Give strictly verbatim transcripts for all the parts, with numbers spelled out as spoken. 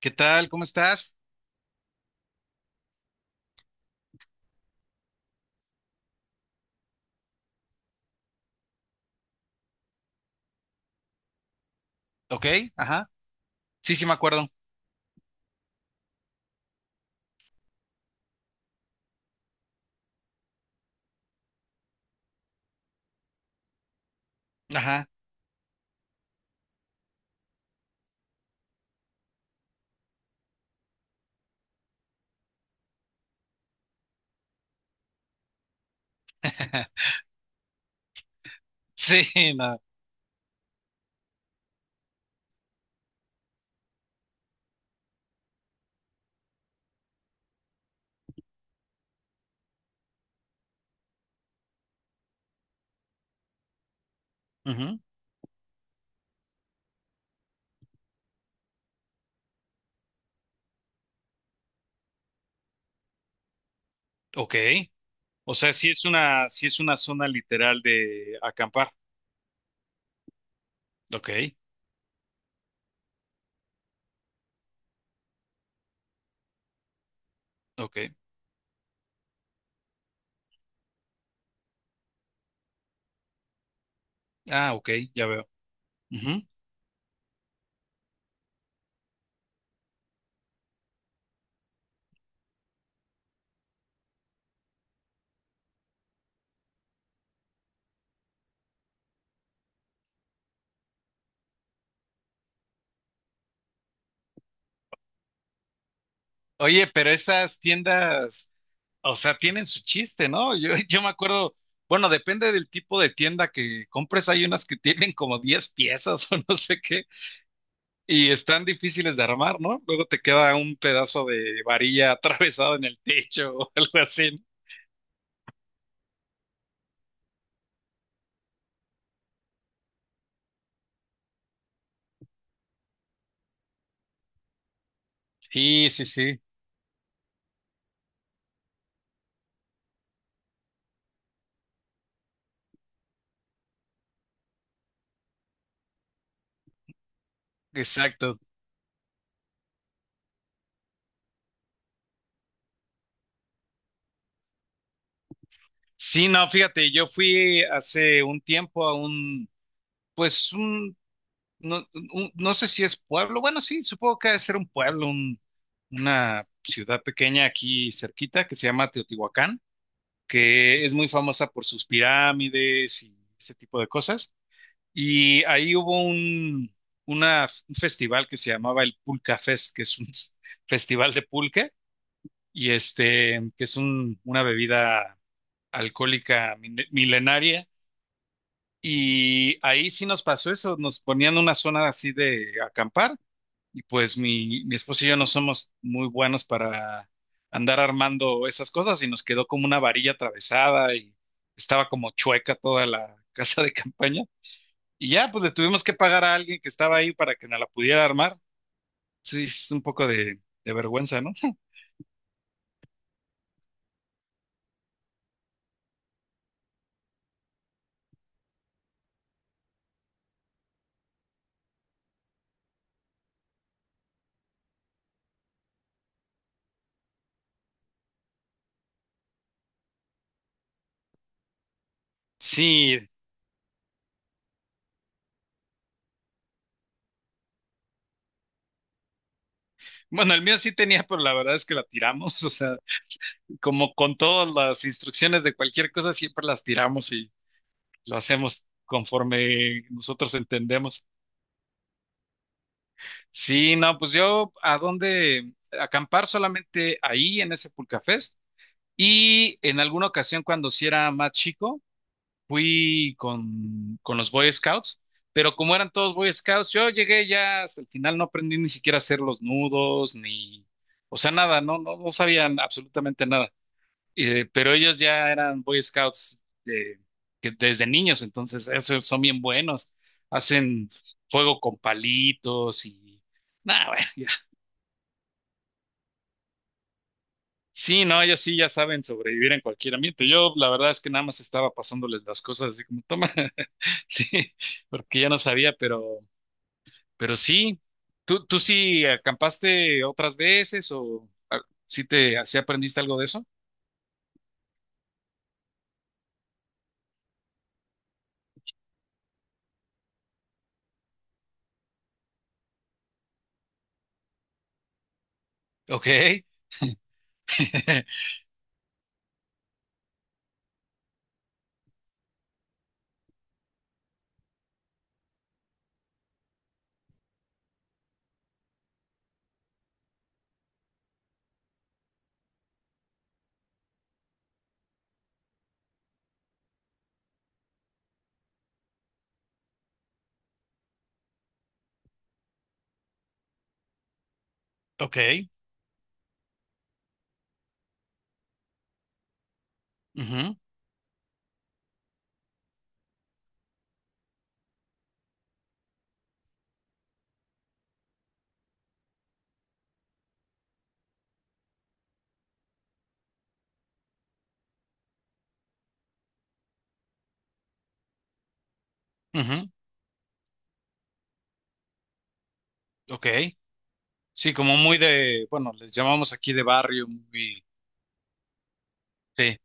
¿Qué tal? ¿Cómo estás? Ok, ajá. Sí, sí me acuerdo. Ajá. Sí, no. Ujú. Ok. O sea, sí es una, sí es una zona literal de acampar. Ok, ok. Ah, ok, ya veo. Ujú. Oye, pero esas tiendas, o sea, tienen su chiste, ¿no? Yo, yo me acuerdo, bueno, depende del tipo de tienda que compres, hay unas que tienen como diez piezas o no sé qué. Y están difíciles de armar, ¿no? Luego te queda un pedazo de varilla atravesado en el techo o algo así. Sí, sí, sí, exacto. Sí, no, fíjate, yo fui hace un tiempo a un, pues un, no, un- no sé si es pueblo, bueno, sí, supongo que debe ser un pueblo, un- una ciudad pequeña aquí cerquita que se llama Teotihuacán, que es muy famosa por sus pirámides y ese tipo de cosas. Y ahí hubo un, una- un festival que se llamaba el Pulca Fest, que es un s- festival de pulque, y este, que es un- una bebida alcohólica min- milenaria. Y ahí sí nos pasó eso, nos ponían una zona así de acampar, y pues mi, mi esposo y yo no somos muy buenos para andar armando esas cosas, y nos quedó como una varilla atravesada y estaba como chueca toda la casa de campaña. Y ya, pues le tuvimos que pagar a alguien que estaba ahí para que nos la pudiera armar. Sí, es un poco de, de vergüenza, ¿no? Sí. Bueno, el mío sí tenía, pero la verdad es que la tiramos. O sea, como con todas las instrucciones de cualquier cosa, siempre las tiramos y lo hacemos conforme nosotros entendemos. Sí, no, pues yo a dónde acampar solamente ahí en ese Pulcafest y en alguna ocasión cuando sí era más chico fui con, con los Boy Scouts, pero como eran todos Boy Scouts, yo llegué ya hasta el final, no aprendí ni siquiera a hacer los nudos, ni, o sea, nada, no, no, no sabían absolutamente nada. Eh, pero ellos ya eran Boy Scouts eh, que desde niños, entonces esos son bien buenos. Hacen fuego con palitos y… nada bueno, ya. Sí, no, ellos sí ya saben sobrevivir en cualquier ambiente. Yo la verdad es que nada más estaba pasándoles las cosas así como toma, sí, porque ya no sabía, pero Pero sí, ¿tú, tú sí acampaste otras veces o ah, sí te sí aprendiste algo de eso? Ok, ok, ujú, ujú, ok. Sí, como muy de, bueno, les llamamos aquí de barrio, muy, sí,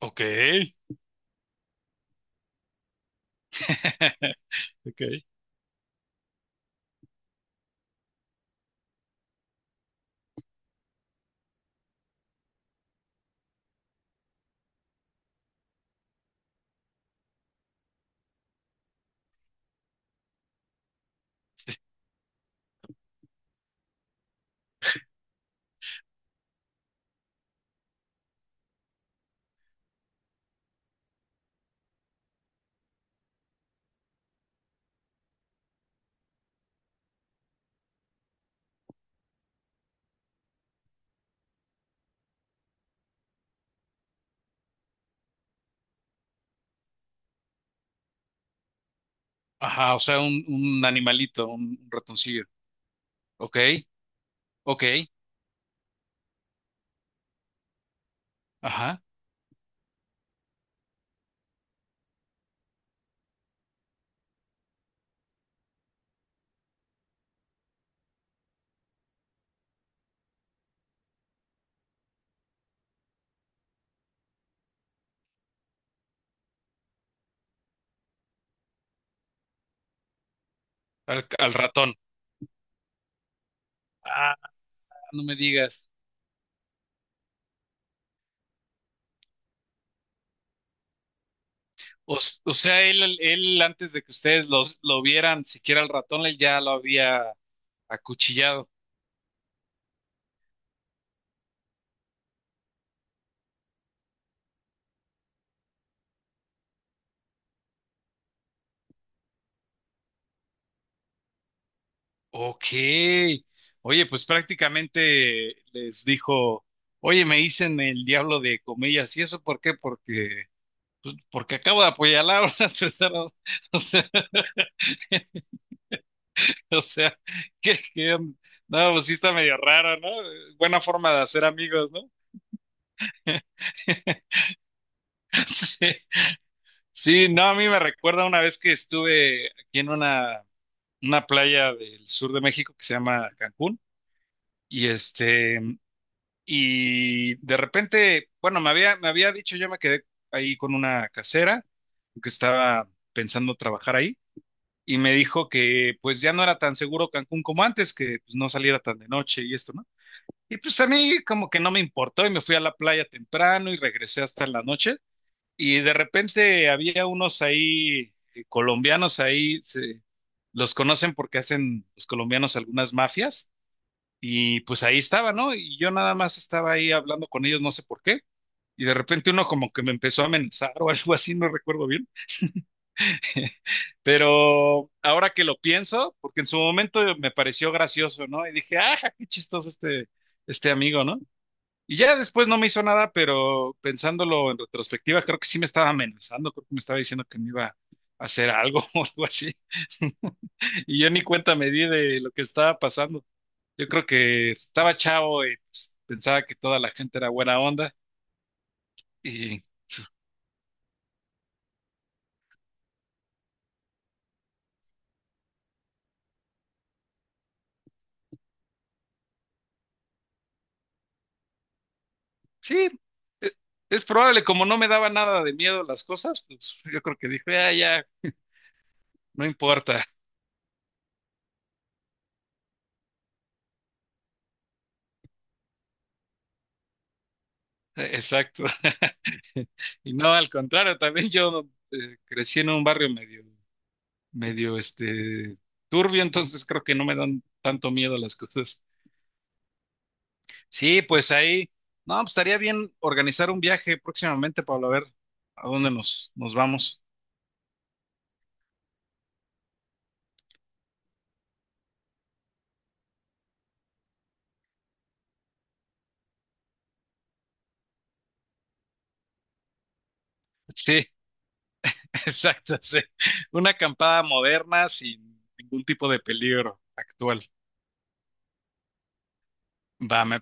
ok, ok. Ajá, o sea, un, un animalito, un ratoncillo. Ok, ok, ajá, al, al ratón. Ah, no me digas. O, s- o sea, él, él antes de que ustedes los, lo vieran, siquiera al ratón, él ya lo había acuchillado. Ok. Oye, pues prácticamente les dijo, oye, me dicen el diablo de comillas. ¿Y eso por qué? Porque, porque acabo de apuñalar a unas personas. O sea, o sea, que, que- no, pues sí está medio raro, ¿no? Buena forma de hacer amigos, ¿no? Sí, sí, no, a mí me recuerda una vez que estuve aquí en una, una playa del sur de México que se llama Cancún. Y este, y de repente, bueno, me había, me había dicho, yo me quedé ahí con una casera que estaba pensando trabajar ahí y me dijo que pues ya no era tan seguro Cancún como antes, que pues, no saliera tan de noche y esto, ¿no? Y pues a mí como que no me importó y me fui a la playa temprano y regresé hasta la noche y de repente había unos ahí eh, colombianos ahí, se- los conocen porque hacen los colombianos algunas mafias y pues ahí estaba, ¿no? Y yo nada más estaba ahí hablando con ellos, no sé por qué. Y de repente uno como que me empezó a amenazar o algo así, no recuerdo bien. Pero ahora que lo pienso, porque en su momento me pareció gracioso, ¿no? Y dije, ah, qué chistoso este, este amigo, ¿no? Y ya después no me hizo nada, pero pensándolo en retrospectiva, creo que sí me estaba amenazando, creo que me estaba diciendo que me iba a hacer algo o algo así. Y yo ni cuenta me di de lo que estaba pasando. Yo creo que estaba chavo y pues, pensaba que toda la gente era buena onda. Y sí, e- es probable, como no me daba nada de miedo las cosas, pues yo creo que dije, ah, ya, no importa. Exacto. Y no, al contrario, también yo eh, crecí en un barrio medio, medio, este, turbio, entonces creo que no me dan tanto miedo las cosas. Sí, pues ahí, no, pues, estaría bien organizar un viaje próximamente, Pablo, a ver a dónde nos, nos vamos. Sí. Exacto, sí. Una acampada moderna sin ningún tipo de peligro actual. Va, me-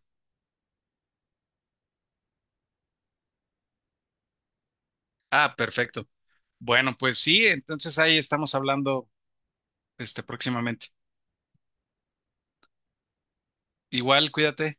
ah, perfecto. Bueno, pues sí, entonces ahí estamos hablando este próximamente. Igual, cuídate.